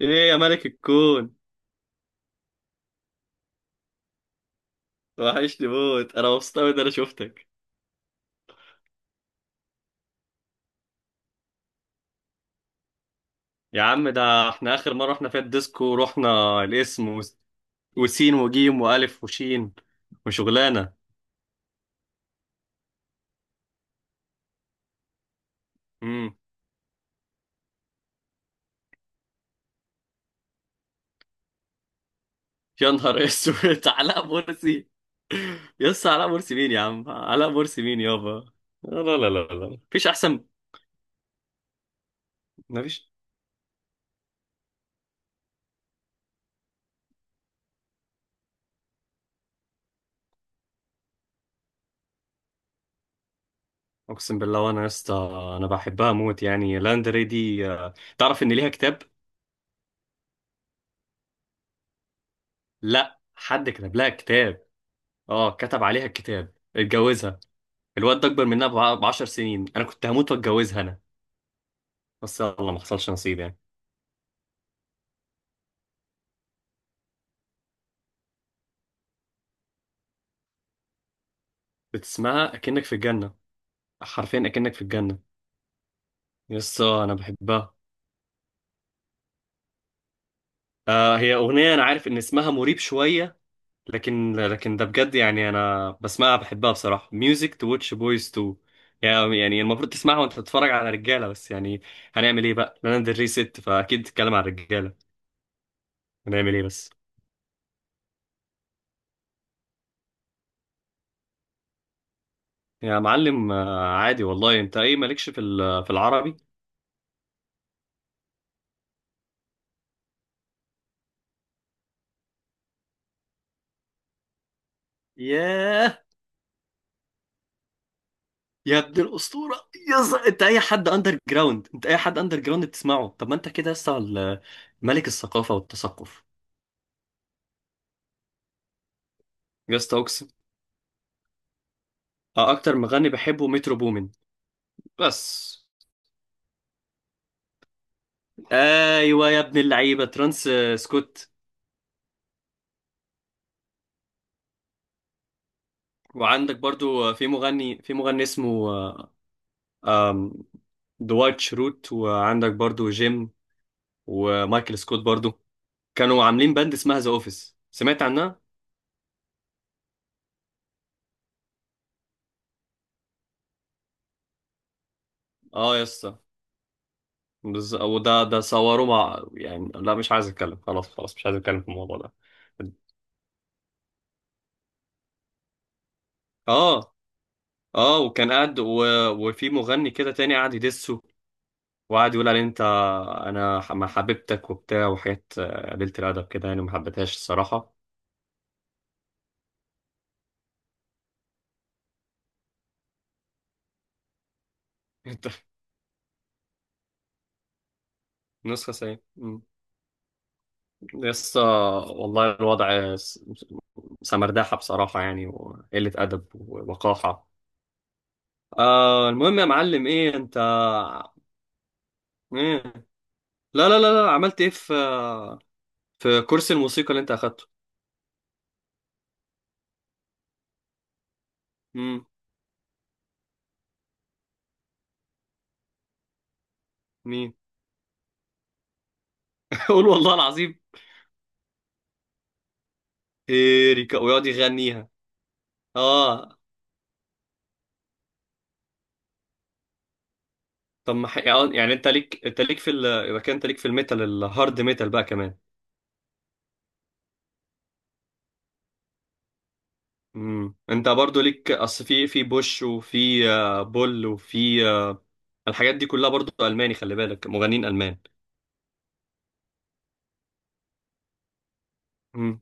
ايه يا ملك الكون. وحشني موت، انا مبسوط قوي ان انا شفتك. يا عم ده احنا اخر مره رحنا فيها الديسكو، رحنا الاسم وسين وجيم والف وشين وشغلانه. امم يا نهار اسود علاء مرسي. يس علاء مرسي مين يا عم، علاء مرسي مين يابا. لا لا لا لا لا. مفيش احسن. مفيش. اقسم بالله وانا يا اسطى، انا بحبها موت، يعني لاندري دي، تعرف ان ليها كتاب؟ لا، حد كتب لها كتاب. اه كتب عليها الكتاب، اتجوزها. الواد ده اكبر منها ب 10 سنين، انا كنت هموت واتجوزها انا، بس يلا ما حصلش نصيب يعني. بتسمعها اكنك في الجنه، حرفيا اكنك في الجنه. يس انا بحبها. آه هي اغنيه انا عارف ان اسمها مريب شويه، لكن ده بجد يعني، انا بسمعها بحبها بصراحه، ميوزك تو واتش بويز تو، يعني المفروض تسمعها وانت بتتفرج على رجاله، بس يعني هنعمل ايه بقى، لانا دري ست فاكيد تتكلم عن رجاله. هنعمل ايه بس. يا معلم عادي والله، انت ايه مالكش في في العربي؟ ياه. يا ابن الاسطوره يس، انت اي حد اندر جراوند، بتسمعه طب ما انت كده لسه ملك الثقافه والتثقف. يا اسطى اقسم، اكتر مغني بحبه مترو بومن. بس. ايوه يا ابن اللعيبه ترانس سكوت. وعندك برضو في مغني اسمه آه، آم، دوايت شروت، وعندك برضو جيم ومايكل سكوت برضو، كانوا عاملين باند اسمها ذا اوفيس، سمعت عنها؟ اه يا اسطى وده صوروه مع يعني لا، مش عايز اتكلم، خلاص خلاص مش عايز اتكلم في الموضوع ده. اه، اه وكان قاعد وفي مغني كده تاني قاعد يدسه، وقعد يقول عليه انت، ما حبيبتك وبتاع وحاجات قليلة الادب كده، يعني ما حبيتهاش الصراحه. انت نسخه سيئه. لسه، والله الوضع سمرداحه بصراحه يعني، وقله ادب ووقاحه. آه المهم يا معلم ايه انت، ايه؟ لا لا لا لا، عملت ايه في في كورس الموسيقى اللي انت اخدته؟ امم مين؟ قول والله العظيم. ايريكا، ويقعد يغنيها. اه. طب ما ح- يعني انت ليك في يبقى كده انت ليك في الميتال، الهارد ميتال بقى كمان. انت برضو ليك اصل في في بوش، وفي بول، وفي الحاجات دي كلها برضو الماني، خلي بالك مغنيين المان. امم.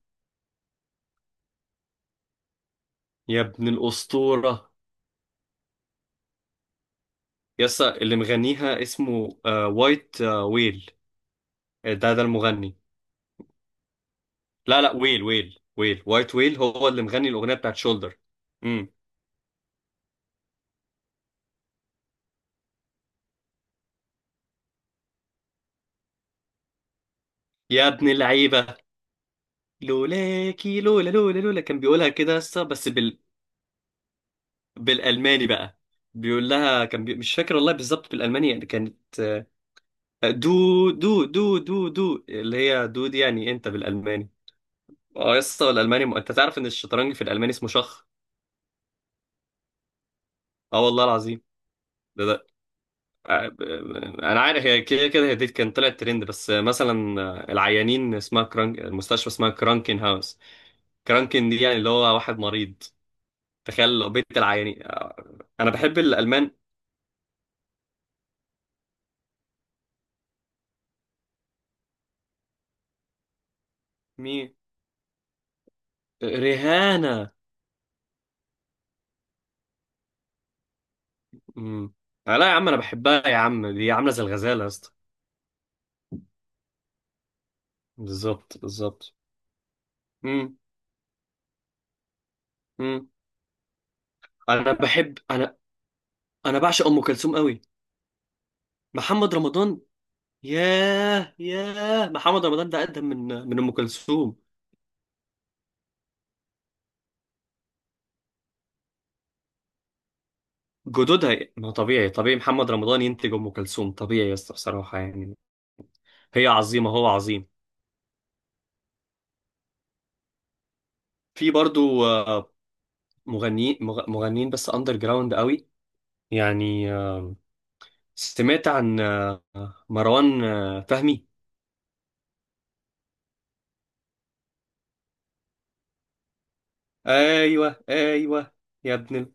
يا ابن الاسطوره يسا، اللي مغنيها اسمه وايت ويل. ده المغني. لا لا، ويل وايت ويل هو اللي مغني الاغنيه بتاعت شولدر. امم. يا ابن اللعيبه. لولاكي، لولا كان بيقولها كده لسه، بس بالالماني بقى. بيقول لها كان بي... مش فاكر والله بالظبط بالالماني، يعني كانت، دو اللي هي دو دي يعني انت بالالماني. اه يسطا الالماني انت تعرف ان الشطرنج في الالماني اسمه شخ؟ اه والله العظيم. ده انا عارف، هي كده كده هي دي كان طلعت ترند، بس مثلا العيانين اسمها كرانك، المستشفى اسمها كرانكن هاوس، كرانكن دي يعني اللي هو واحد مريض، تخيل لو بيت العيانين. انا بحب الالمان. مين؟ ريهانة. امم. لا يا عم انا بحبها يا عم، دي عامله زي الغزاله يا اسطى. بالظبط بالظبط. امم امم انا بحب، انا بعشق ام كلثوم قوي. محمد رمضان؟ ياه، ياه محمد رمضان ده اقدم من ام كلثوم. جدودها، ما هو طبيعي، طبيعي محمد رمضان ينتج ام كلثوم، طبيعي يا اسطى بصراحه يعني. هي عظيمه، هو عظيم. في برضو مغنيين بس اندر جراوند قوي، يعني سمعت عن مروان فهمي. ايوه ايوه. يا ابن ال-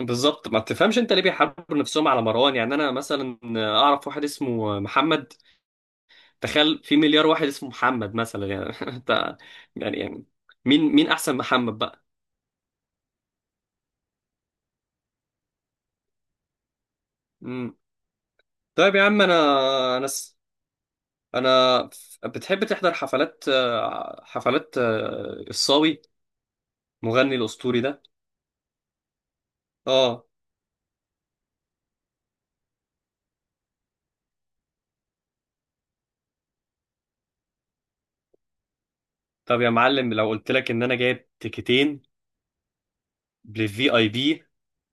بالظبط، ما تفهمش انت ليه بيحاربوا نفسهم على مروان، يعني انا مثلا اعرف واحد اسمه محمد، تخيل في مليار واحد اسمه محمد مثلا يعني، انت، يعني مين مين احسن محمد بقى. طيب يا عم، انا س- انا بتحب تحضر حفلات حفلات الصاوي، مغني الاسطوري ده؟ اه. طب يا معلم لو قلت لك ان انا جايب تيكتين للفي اي بي،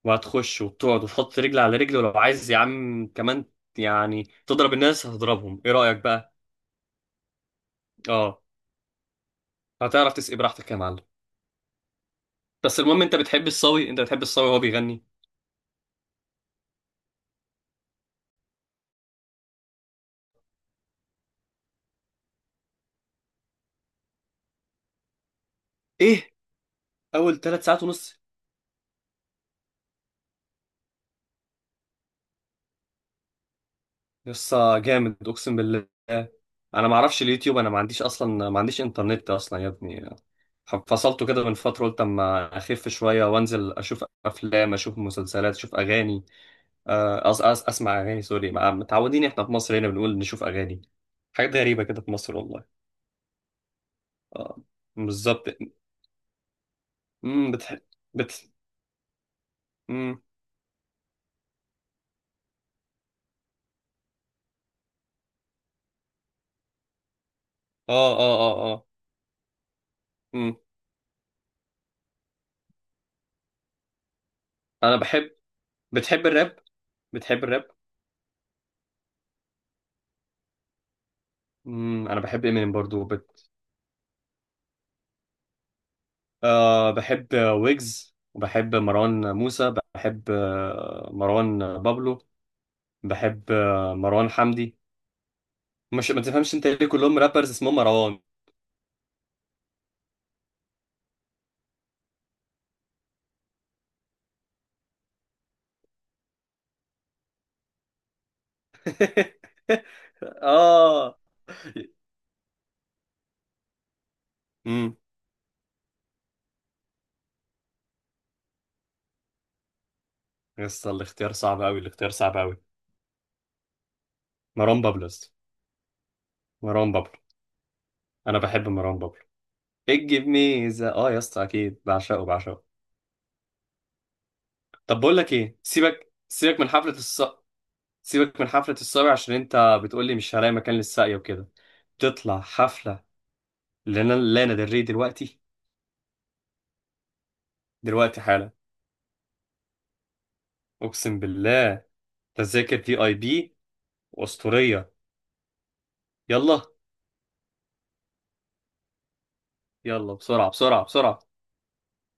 وهتخش وتقعد وتحط رجل على رجل، ولو عايز يا عم كمان يعني تضرب الناس هتضربهم، ايه رايك بقى؟ اه، هتعرف تسقي براحتك يا معلم. بس المهم انت بتحب الصاوي، انت بتحب الصاوي وهو بيغني. ايه؟ اول ثلاث ساعات ونص؟ يسا جامد، اقسم بالله انا ما اعرفش اليوتيوب، انا ما عنديش اصلا، ما عنديش انترنت اصلا يا ابني، فصلته كده من فتره، قلت اما اخف شويه وانزل اشوف افلام، اشوف مسلسلات، اشوف اغاني، آه، أس أس اسمع اغاني، سوري متعودين احنا في مصر هنا بنقول نشوف اغاني، حاجات غريبه كده في مصر والله. اه، بالظبط. بتح... بت امم اه اه اه اه. امم. انا بحب، بتحب الراب؟ بتحب الراب؟ امم، انا بحب امينيم برضو. أه بحب ويجز، وبحب مروان موسى، بحب مروان بابلو، بحب مروان حمدي. مش ما تفهمش انت ليه كلهم رابرز اسمهم مروان. اه. امم. يس، الاختيار صعب قوي، الاختيار صعب قوي. مروان بابلو يا اسطى. مروان بابلو. انا بحب مروان بابلو، اجي بميزه اه يا اسطى، اكيد بعشقه بعشقه. طب بقول لك ايه، سيبك من سيبك من حفلة الصبي، عشان انت بتقولي مش هلاقي مكان للساقية وكده، تطلع حفلة لنا لانا دري دلوقتي. دلوقتي حالا. اقسم بالله، تذاكر في اي بي واسطورية. يلا، يلا بسرعة بسرعة بسرعة.